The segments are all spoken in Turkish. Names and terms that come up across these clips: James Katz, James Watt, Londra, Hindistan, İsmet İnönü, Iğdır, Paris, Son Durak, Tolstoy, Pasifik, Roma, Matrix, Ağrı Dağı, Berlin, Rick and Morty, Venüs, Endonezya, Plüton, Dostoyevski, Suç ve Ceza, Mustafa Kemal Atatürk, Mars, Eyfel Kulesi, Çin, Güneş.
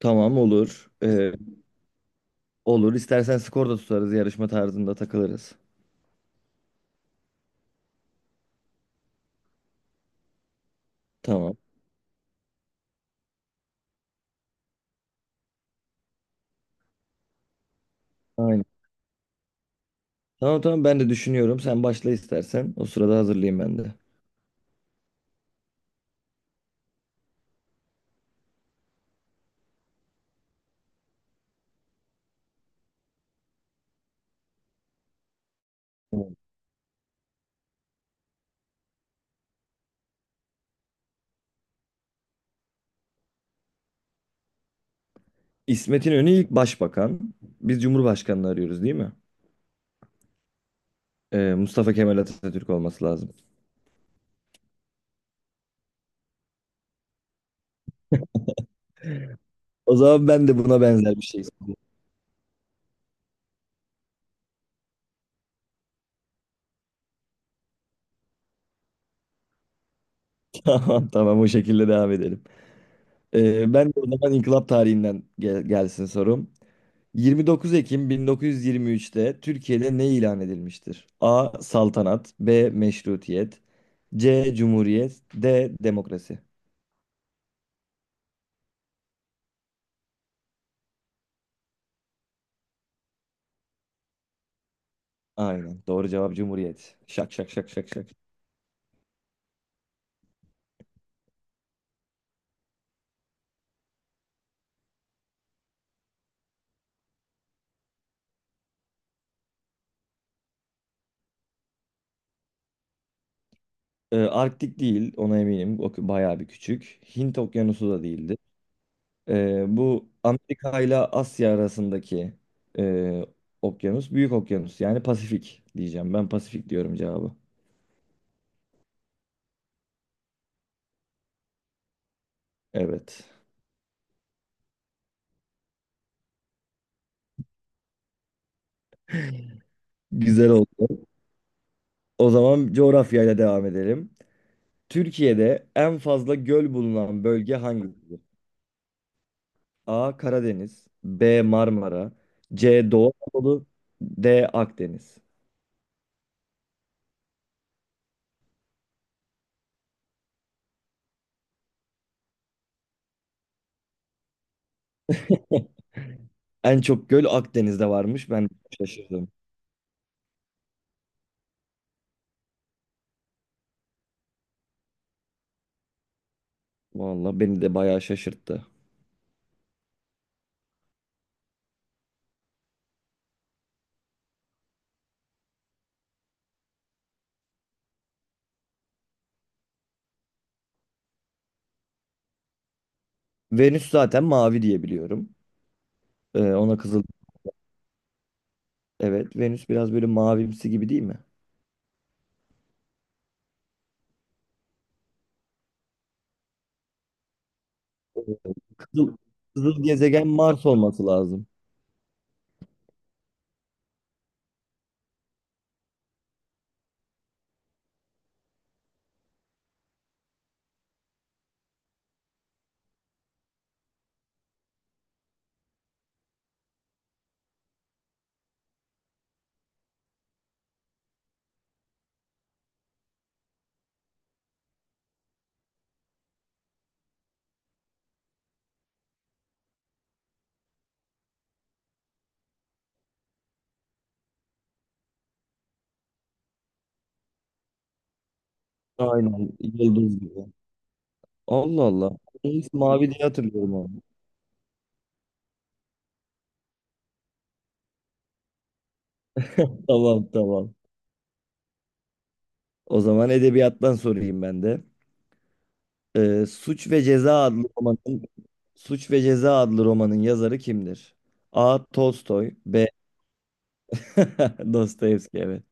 Tamam, olur. Olur. İstersen skor da tutarız. Yarışma tarzında takılırız. Tamam. Aynen. Tamam, tamam, ben de düşünüyorum. Sen başla istersen. O sırada hazırlayayım ben de. Tamam. İsmet İnönü ilk başbakan. Biz Cumhurbaşkanını arıyoruz değil mi? Mustafa Kemal Atatürk olması lazım. O zaman ben de buna benzer bir şey. Tamam, tamam, o şekilde devam edelim. Ben de o zaman inkılap tarihinden gelsin sorum. 29 Ekim 1923'te Türkiye'de ne ilan edilmiştir? A. Saltanat, B. Meşrutiyet, C. Cumhuriyet, D. Demokrasi. Aynen. Doğru cevap Cumhuriyet. Şak şak şak şak şak. Arktik değil, ona eminim. O bayağı bir küçük. Hint Okyanusu da değildi. Bu Amerika ile Asya arasındaki e, okyanus, büyük okyanus yani Pasifik diyeceğim. Ben Pasifik diyorum cevabı. Evet. Güzel oldu. O zaman coğrafyayla devam edelim. Türkiye'de en fazla göl bulunan bölge hangisidir? A. Karadeniz, B. Marmara, C. Doğu Anadolu, D. Akdeniz. En çok göl Akdeniz'de varmış. Ben şaşırdım. Vallahi beni de bayağı şaşırttı. Venüs zaten mavi diye biliyorum. Ona kızıl. Evet, Venüs biraz böyle mavimsi gibi değil mi? Kızıl, kızıl gezegen Mars olması lazım. Aynen, yıldız gibi. Allah Allah. Ben hiç mavi diye hatırlıyorum onu. Tamam, tamam. O zaman edebiyattan sorayım ben de. Ee, Suç ve Ceza adlı romanın Suç ve Ceza adlı romanın yazarı kimdir? A. Tolstoy, B. Dostoyevski, evet.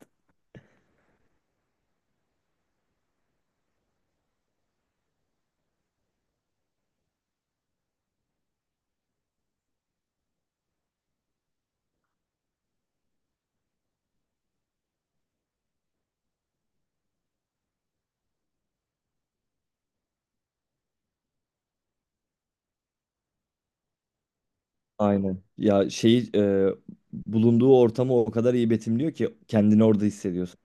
Aynen. Ya şeyi bulunduğu ortamı o kadar iyi betimliyor ki kendini orada hissediyorsun.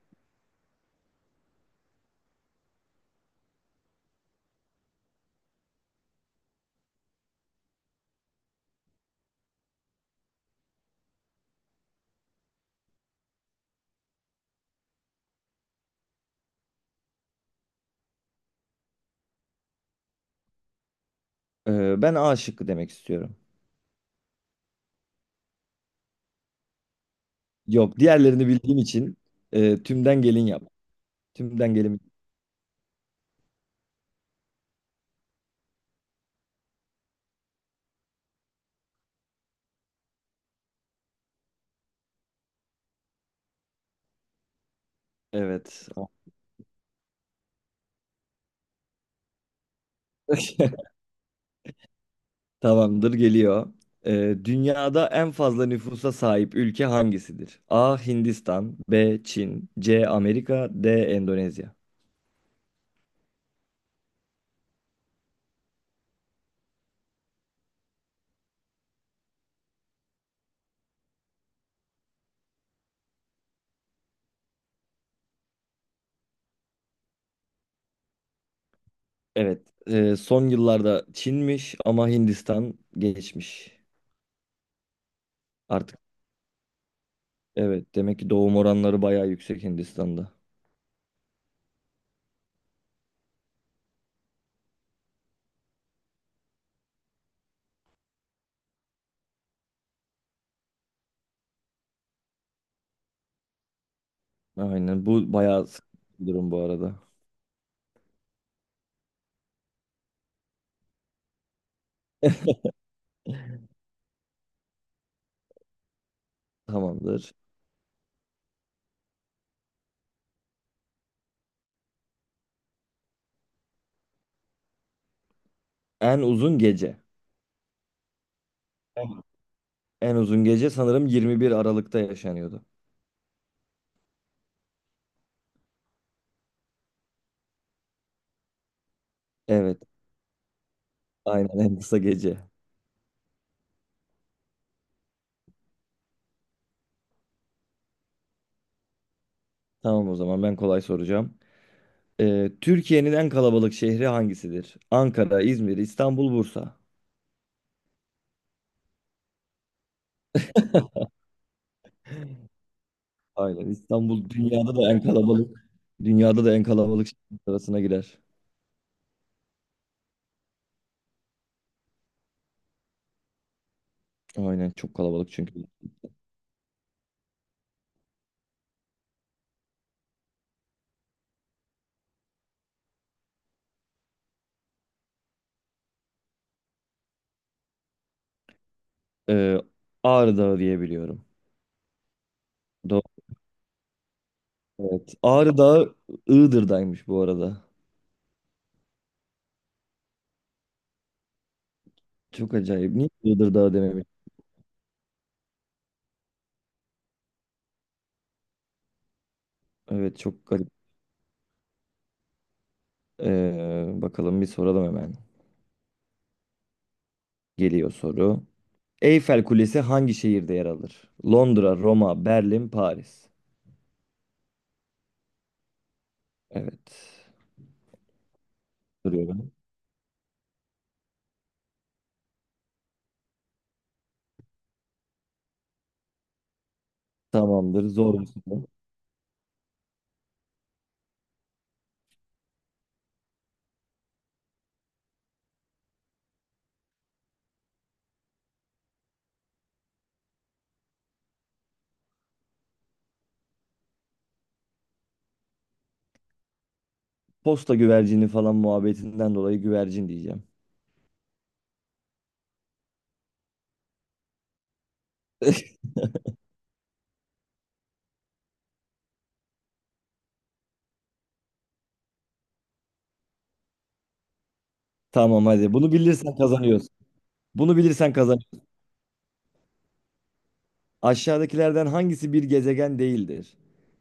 Ben A şıkkı demek istiyorum. Yok, diğerlerini bildiğim için tümden gelin yap. Tümden gelin. Evet. Tamamdır, geliyor. Dünyada en fazla nüfusa sahip ülke hangisidir? A. Hindistan, B. Çin, C. Amerika, D. Endonezya. Evet. Son yıllarda Çin'miş ama Hindistan geçmiş. Artık evet, demek ki doğum oranları bayağı yüksek Hindistan'da. Aynen, bu bayağı sıkıntı bir durum bu arada. Tamamdır. En uzun gece. Tamam. En uzun gece sanırım 21 Aralık'ta yaşanıyordu. Evet, aynen en kısa gece. Tamam, o zaman ben kolay soracağım. Türkiye'nin en kalabalık şehri hangisidir? Ankara, İzmir, İstanbul, Bursa. Aynen, İstanbul dünyada da en kalabalık. Dünyada da en kalabalık şehir arasına girer. Aynen, çok kalabalık çünkü. Ee, Ağrı Dağı diye biliyorum. Doğru. Evet. Ağrı Dağı Iğdır'daymış bu arada. Çok acayip. Niye Iğdır Dağı dememiş? Evet, çok. Bakalım bir soralım hemen. Geliyor soru. Eyfel Kulesi hangi şehirde yer alır? Londra, Roma, Berlin, Paris. Evet. Duruyorum. Tamamdır. Zor bir soru. Posta güvercini falan muhabbetinden dolayı güvercin diyeceğim. Tamam, hadi. Bunu bilirsen kazanıyorsun. Bunu bilirsen kazan. Aşağıdakilerden hangisi bir gezegen değildir?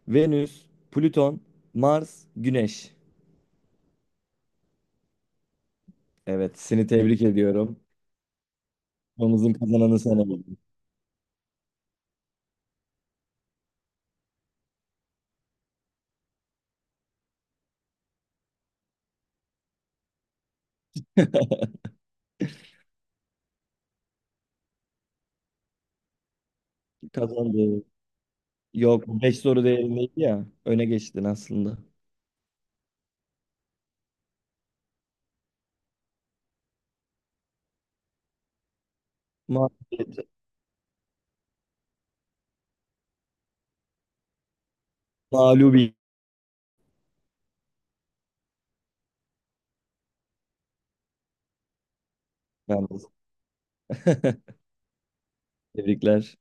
Venüs, Plüton, Mars, Güneş. Evet, seni tebrik ediyorum. Konumuzun kazananı sen oldun. Kazandı. Yok, 5 soru değerindeydi ya. Öne geçtin aslında. Mağlubiyet. Mağlubiyet. Yalnız. Tebrikler.